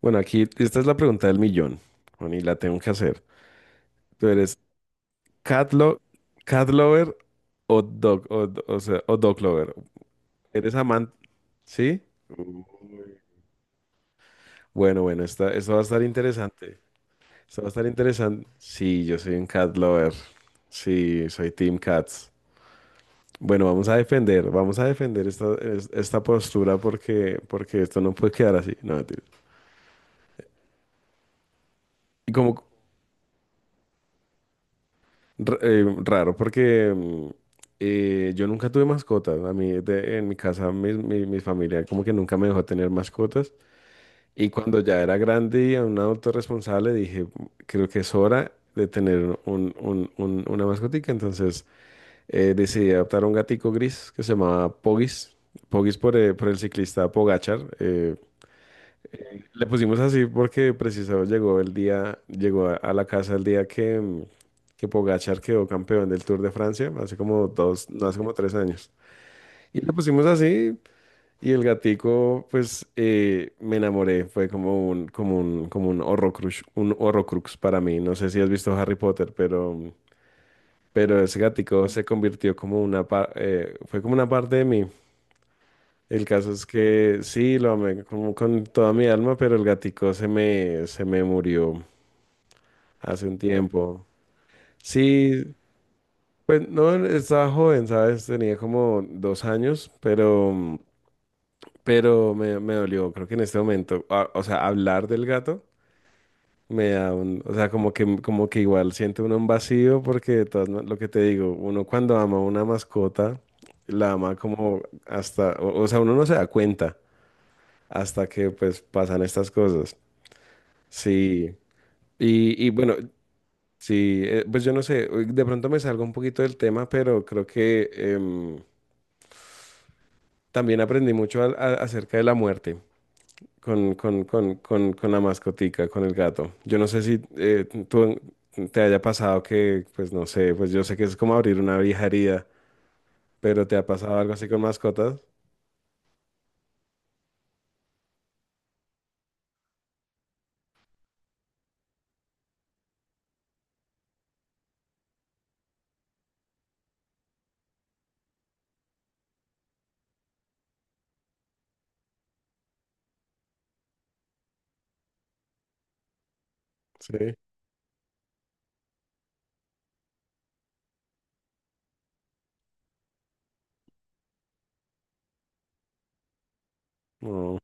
Bueno, aquí esta es la pregunta del millón, bueno, y la tengo que hacer. ¿Tú eres cat, cat lover o dog, o sea, o dog lover? ¿Eres amante? ¿Sí? Uh. Bueno, bueno, esta, esto va a estar interesante. Esto va a estar interesante. Sí, yo soy un cat lover. Sí, soy Team Cats. Bueno, vamos a defender esta, esta postura porque, porque esto no puede quedar así. No, mentira. ¿Y cómo? Raro, porque yo nunca tuve mascotas. A mí, en mi casa, mi familia como que nunca me dejó tener mascotas. Y cuando ya era grande y a un adulto responsable, dije, creo que es hora de tener un, una mascotica. Entonces decidí adoptar un gatico gris que se llamaba Pogis. Pogis por el ciclista Pogachar le pusimos así porque precisado llegó el día, llegó a la casa el día que Pogacar quedó campeón del Tour de Francia, hace como dos, no, hace como tres años. Y le pusimos así y el gatico, pues me enamoré, fue como un, como un, como un Horrocrux para mí. No sé si has visto Harry Potter, pero ese gatico se convirtió como una, fue como una parte de mí. El caso es que sí, lo amé como con toda mi alma, pero el gatico se me murió. Hace un tiempo. Sí, pues no, estaba joven, ¿sabes? Tenía como dos años, pero me dolió. Creo que en este momento, o sea, hablar del gato me da un, o sea, como que igual siente uno un vacío porque de todas lo que te digo, uno cuando ama una mascota, la ama como hasta, o sea, uno no se da cuenta hasta que pues pasan estas cosas. Sí. Y bueno, sí, pues yo no sé, de pronto me salgo un poquito del tema, pero creo que también aprendí mucho acerca de la muerte con la mascotica, con el gato. Yo no sé si tú te haya pasado que, pues no sé, pues yo sé que es como abrir una vieja herida, pero ¿te ha pasado algo así con mascotas? Sí. No.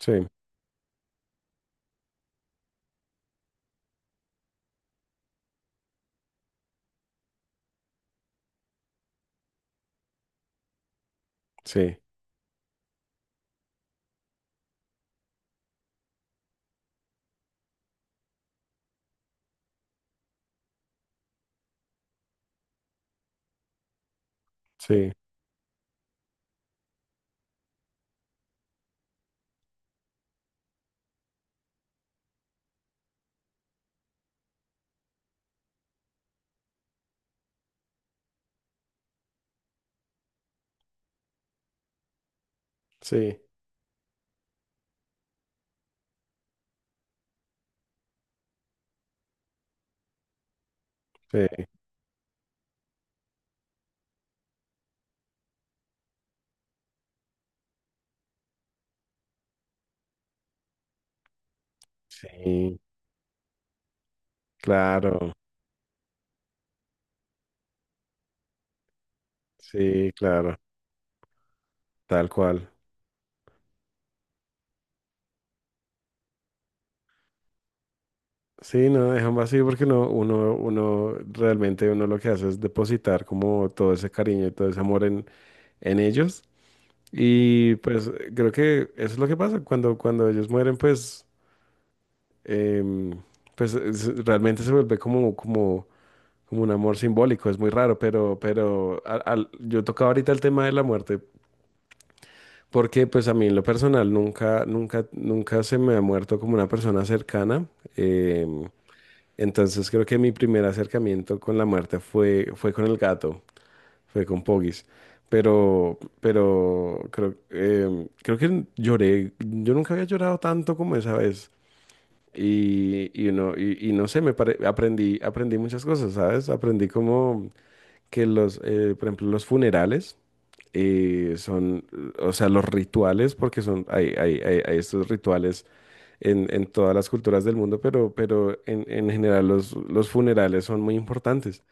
Sí, sí, sí, sí, sí, sí, claro, sí, claro, tal cual. Sí, no, dejan vacío porque no, uno, uno realmente uno lo que hace es depositar como todo ese cariño y todo ese amor en ellos. Y pues creo que eso es lo que pasa. Cuando, cuando ellos mueren, pues, em, pues realmente se vuelve como, como, como un amor simbólico. Es muy raro, pero yo tocaba ahorita el tema de la muerte, porque pues a mí en lo personal nunca, nunca, nunca se me ha muerto como una persona cercana. em, Entonces creo que mi primer acercamiento con la muerte fue, fue con el gato, fue con Pogis. Pero creo, creo que lloré. Yo nunca había llorado tanto como esa vez. Y no sé, aprendí, aprendí muchas cosas, ¿sabes? Aprendí como que los, por ejemplo, los funerales son, o sea, los rituales, porque son, hay estos rituales en todas las culturas del mundo, pero en general los funerales son muy importantes.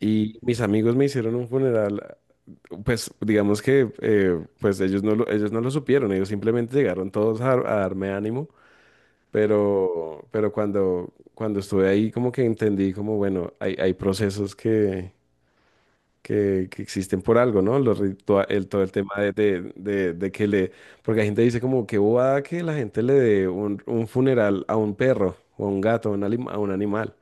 Y mis amigos me hicieron un funeral, pues digamos que pues ellos no lo supieron, ellos simplemente llegaron todos a darme ánimo, pero cuando, cuando estuve ahí como que entendí como, bueno, hay procesos que existen por algo, ¿no? Los el, todo el tema de, de que le... Porque la gente dice como que bobada que la gente le dé un funeral a un perro o a un gato, a un, a un animal.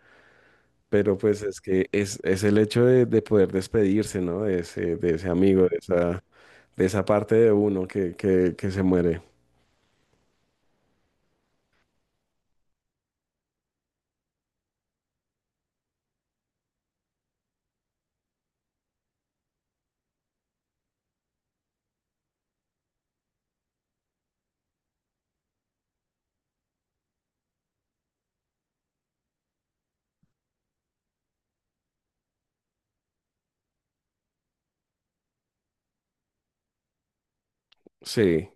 Pero pues es que es el hecho de poder despedirse, ¿no? De ese amigo, de esa parte de uno que se muere. Sí,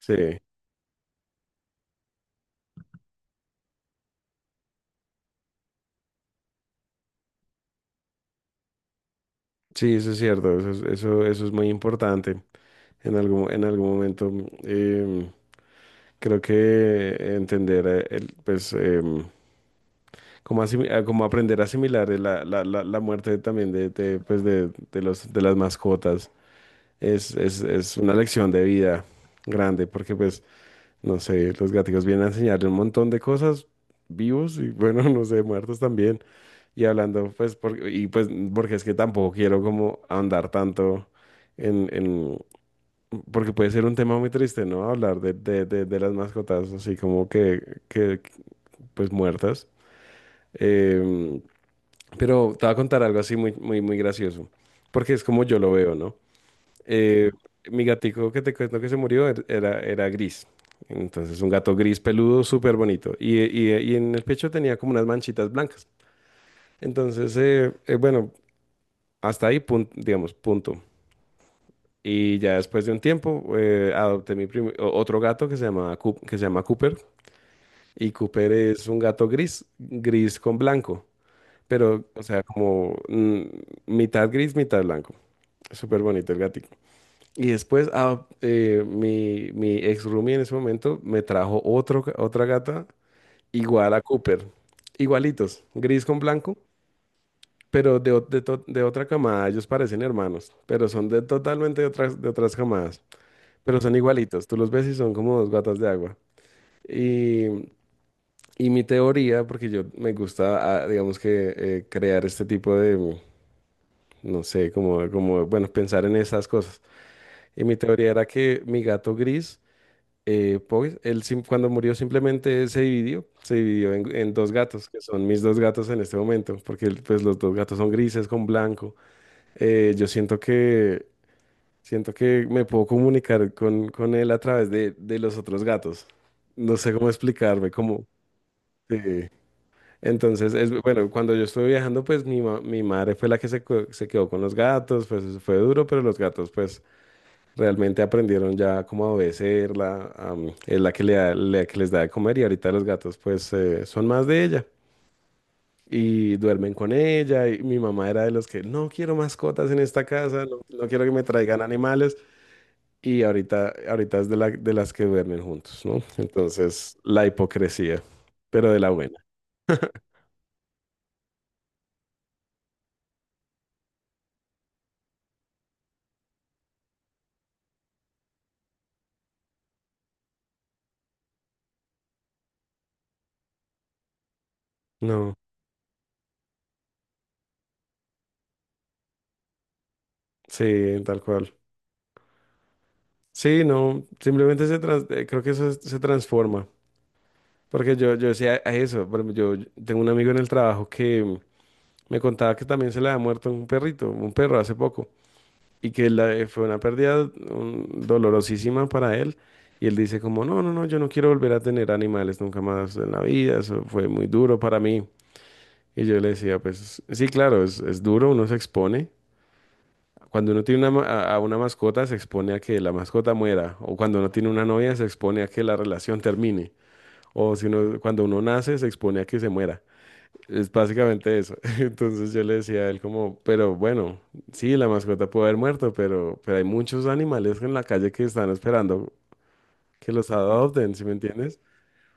sí, sí, eso es cierto, eso, eso, eso es muy importante. En algún momento, em, creo que entender, el, pues... como, como aprender a asimilar la, la, la, la muerte también de, pues de, los, de las mascotas es una lección de vida grande porque pues, no sé, los gaticos vienen a enseñarle un montón de cosas vivos y bueno, no sé, muertos también. Y hablando pues, por, y pues porque es que tampoco quiero como ahondar tanto en, porque puede ser un tema muy triste, ¿no? Hablar de las mascotas así como que pues muertas. Em, pero te voy a contar algo así muy, muy, muy gracioso, porque es como yo lo veo, ¿no? Eh, mi gatico que te cuento que se murió era, era gris. Entonces, un gato gris peludo, súper bonito. Y y en el pecho tenía como unas manchitas blancas. Entonces, bueno, hasta ahí, digamos, punto. Y ya después de un tiempo, adopté mi otro gato que se llama Cooper. Y Cooper es un gato gris, gris con blanco. Pero, o sea, como mitad gris, mitad blanco. Súper bonito el gatito. Y después mi, mi ex roomie en ese momento me trajo otro, otra gata igual a Cooper. Igualitos, gris con blanco, pero de, de otra camada. Ellos parecen hermanos, pero son de totalmente de otras camadas. Pero son igualitos. Tú los ves y son como dos gatas de agua. Y, y mi teoría, porque yo me gusta, digamos que crear este tipo de, no sé, como, como, bueno, pensar en esas cosas. Y mi teoría era que mi gato gris pues él cuando murió simplemente se dividió en dos gatos, que son mis dos gatos en este momento, porque él, pues los dos gatos son grises con blanco. Yo siento que me puedo comunicar con él a través de los otros gatos. No sé cómo explicarme, cómo... eh, entonces, es, bueno, cuando yo estuve viajando, pues mi, mi madre fue la que se, se quedó con los gatos, pues eso fue duro, pero los gatos, pues realmente aprendieron ya cómo a obedecerla, es la que, la que les da de comer y ahorita los gatos pues son más de ella y duermen con ella y mi mamá era de los que no quiero mascotas en esta casa, no, no quiero que me traigan animales y ahorita, ahorita es de, de las que duermen juntos, ¿no? Entonces la hipocresía, pero de la buena. No, sí, tal cual. Sí, no, simplemente se creo que eso se transforma. Porque yo decía a eso, por ejemplo, yo yo tengo un amigo en el trabajo que me contaba que también se le había muerto un perrito, un perro hace poco, y que fue una pérdida dolorosísima para él. Y él dice como, no, no, no, yo no quiero volver a tener animales nunca más en la vida, eso fue muy duro para mí. Y yo le decía, pues sí, claro, es duro, uno se expone. Cuando uno tiene una, a una mascota, se expone a que la mascota muera. O cuando uno tiene una novia, se expone a que la relación termine. O si uno, cuando uno nace, se expone a que se muera. Es básicamente eso. Entonces yo le decía a él como, pero bueno, sí, la mascota puede haber muerto, pero hay muchos animales en la calle que están esperando que los adopten, ¿sí me entiendes?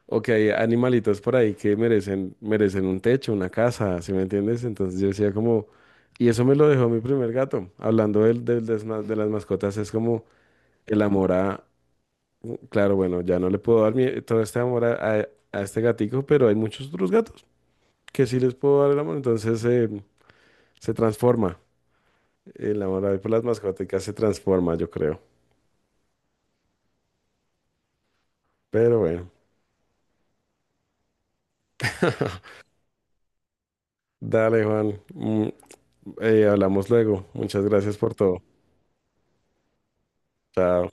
O que hay animalitos por ahí que merecen, merecen un techo, una casa, ¿sí me entiendes? Entonces yo decía como, y eso me lo dejó mi primer gato. Hablando del, del, de las mascotas, es como el amor a, claro, bueno, ya no le puedo dar todo este amor a, a este gatico, pero hay muchos otros gatos que sí les puedo dar el amor. Entonces... se transforma. El amor por las mascotas se transforma, yo creo. Pero bueno, dale, Juan. Hablamos luego. Muchas gracias por todo. Chao.